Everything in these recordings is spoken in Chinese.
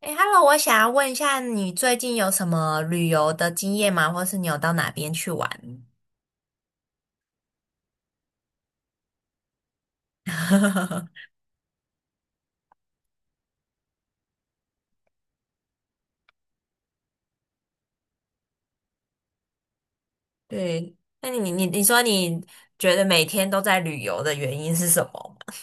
哎 h e l l o 我想要问一下，你最近有什么旅游的经验吗？或是你有到哪边去玩？对，那你觉得每天都在旅游的原因是什么吗？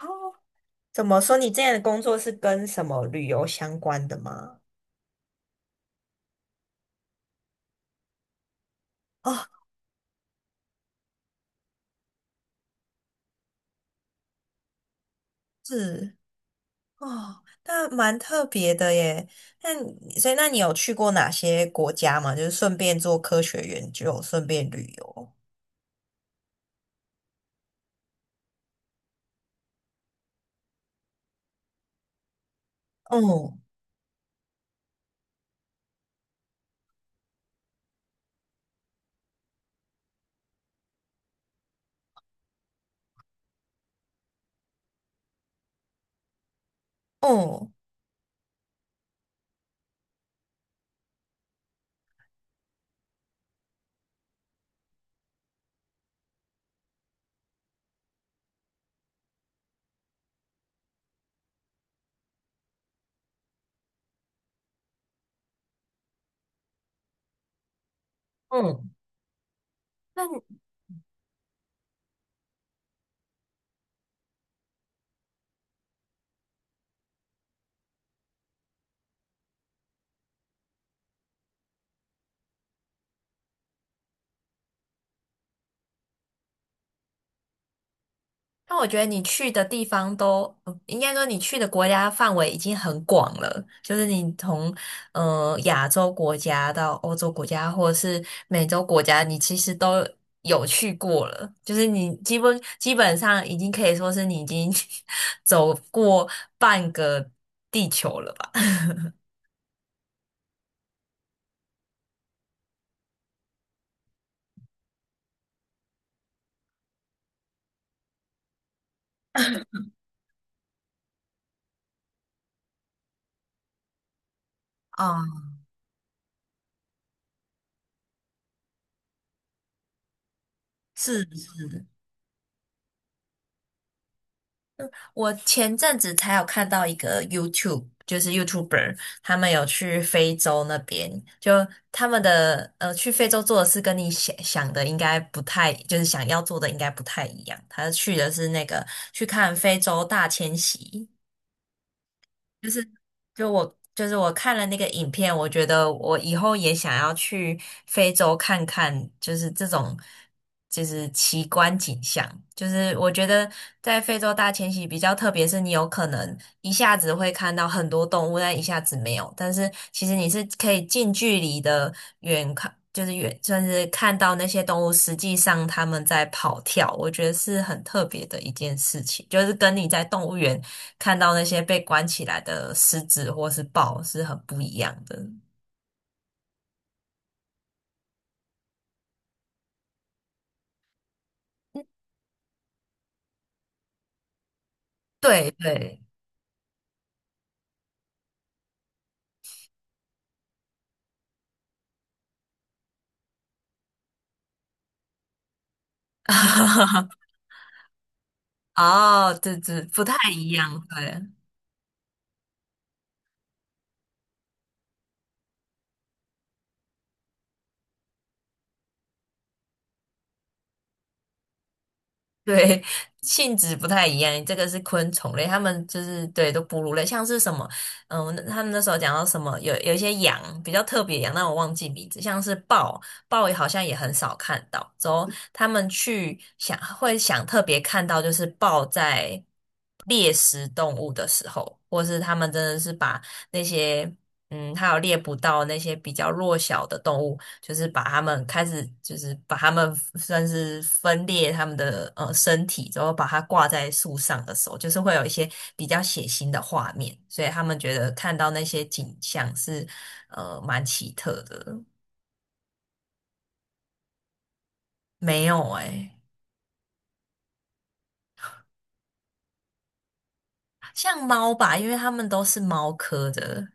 哦，怎么说？你这样的工作是跟什么旅游相关的吗？哦，是哦，那蛮特别的耶。那你有去过哪些国家吗？就是顺便做科学研究，顺便旅游。嗯嗯嗯，那。那我觉得你去的地方都，应该说你去的国家范围已经很广了，就是你从亚洲国家到欧洲国家，或者是美洲国家，你其实都有去过了，就是你基本上已经可以说是你已经 走过半个地球了吧？啊、是我前阵子才有看到一个 YouTube，就是 YouTuber，他们有去非洲那边，就他们的去非洲做的事跟你想想的应该不太，就是想要做的应该不太一样。他去的是那个去看非洲大迁徙，就是就我就是我看了那个影片，我觉得我以后也想要去非洲看看，就是这种就是奇观景象。就是我觉得在非洲大迁徙比较特别，是你有可能一下子会看到很多动物，但一下子没有。但是其实你是可以近距离的远看。就是远，就是看到那些动物实际上它们在跑跳，我觉得是很特别的一件事情，就是跟你在动物园看到那些被关起来的狮子或是豹是很不一样的。对对，哦，对对，不太一样，对。对，性质不太一样，这个是昆虫类，它们就是对都哺乳类，像是什么，嗯，他们那时候讲到什么，有一些羊比较特别的羊，但我忘记名字，像是豹，豹也好像也很少看到。之后他们去想会想特别看到，就是豹在猎食动物的时候，或是他们真的是把那些嗯，还有猎捕到那些比较弱小的动物。就是把他们开始，就是把他们算是分裂他们的身体，然后把它挂在树上的时候，就是会有一些比较血腥的画面，所以他们觉得看到那些景象是蛮奇特的。没有诶、像猫吧，因为它们都是猫科的。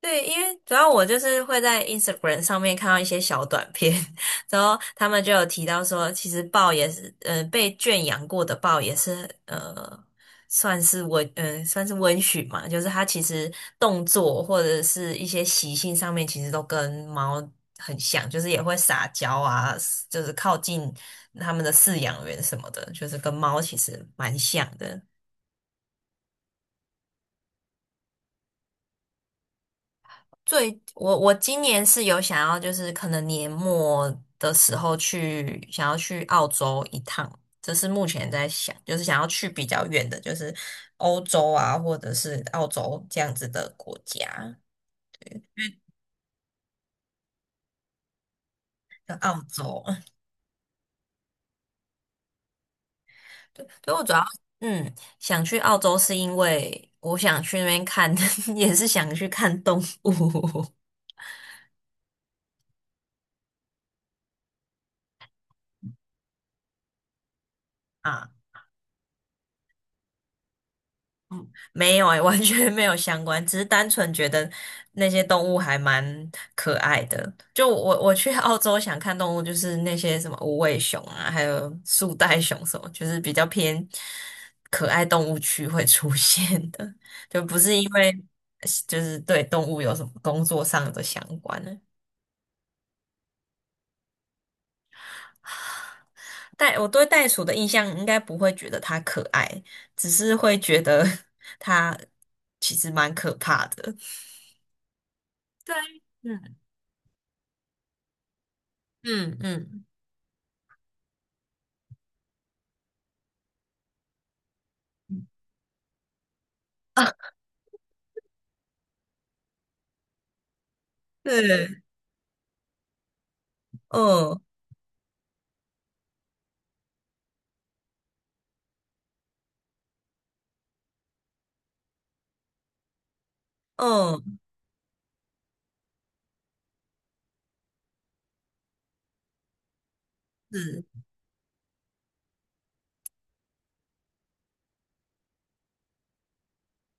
对，因为主要我就是会在 Instagram 上面看到一些小短片，然后他们就有提到说，其实豹也是，嗯，被圈养过的豹也是，算是温，嗯、算是温驯嘛，就是它其实动作或者是一些习性上面，其实都跟猫很像，就是也会撒娇啊，就是靠近他们的饲养员什么的，就是跟猫其实蛮像的。我今年是有想要，就是可能年末的时候去想要去澳洲一趟，这是目前在想，就是想要去比较远的，就是欧洲啊，或者是澳洲这样子的国家，像澳洲。对，所以我主要嗯想去澳洲是因为我想去那边看，也是想去看动物 啊。没有哎、完全没有相关，只是单纯觉得那些动物还蛮可爱的。我去澳洲想看动物，就是那些什么无尾熊啊，还有树袋熊什么，就是比较偏可爱动物区会出现的，就不是因为就是对动物有什么工作上的相关呢。我对袋鼠的印象应该不会觉得它可爱，只是会觉得 它其实蛮可怕的。对，嗯嗯嗯。对，嗯嗯，是，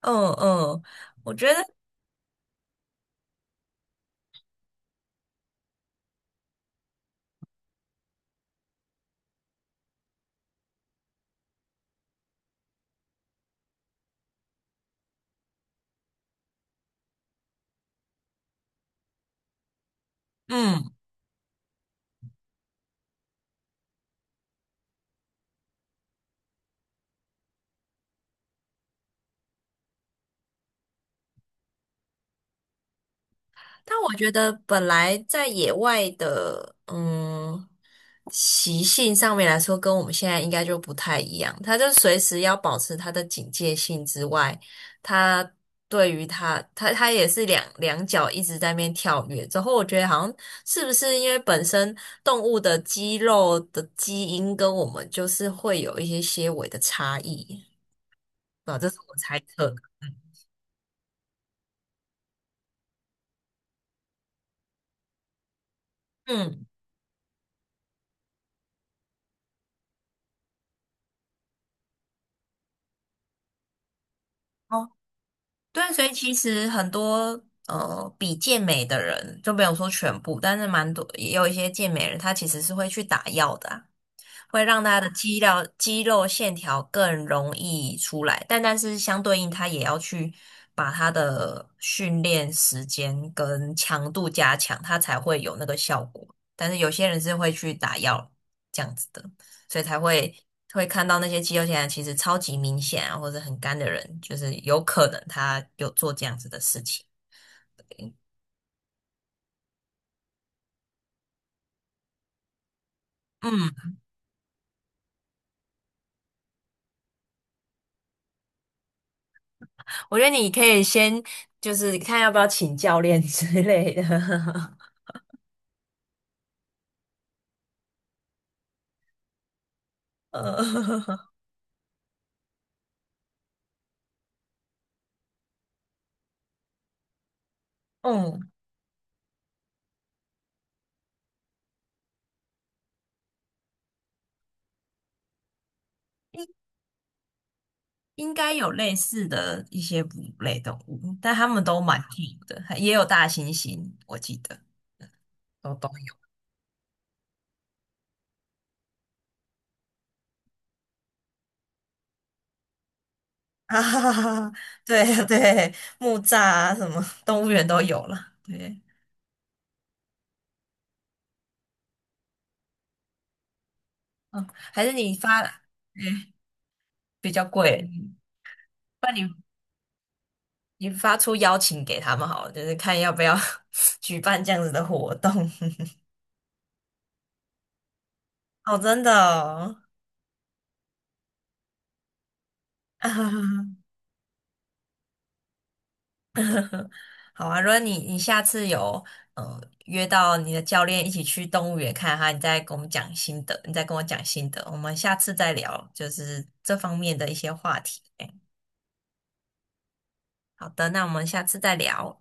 嗯嗯，我觉得，嗯，但我觉得本来在野外的，嗯，习性上面来说，跟我们现在应该就不太一样。它就随时要保持它的警戒性之外，它对于它，它也是两脚一直在那边跳跃。之后我觉得好像是不是因为本身动物的肌肉的基因跟我们就是会有一些些微的差异。啊，这是我猜测的。嗯嗯，哦，对，所以其实很多比健美的人，就没有说全部，但是蛮多也有一些健美人，他其实是会去打药的啊会让他的肌肉线条更容易出来，但是相对应，他也要去把他的训练时间跟强度加强，他才会有那个效果。但是有些人是会去打药这样子的，所以才会看到那些肌肉线条其实超级明显啊，或者很干的人，就是有可能他有做这样子的事情。嗯，我觉得你可以先就是看要不要请教练之类的。呃，嗯，应应该有类似的一些哺乳类动物，但它们都蛮近的，也有大猩猩，我记得都有。啊哈哈哈哈对对，木栅啊，什么动物园都有了。对， 嗯，还是你发，嗯，比较贵，那你发出邀请给他们好了，就是看要不要 举办这样子的活动。哦，真的哦。好啊，如果你下次有呃约到你的教练一起去动物园看哈，你再跟我们讲心得，你再跟我讲心得，我们下次再聊，就是这方面的一些话题。哎好的，那我们下次再聊。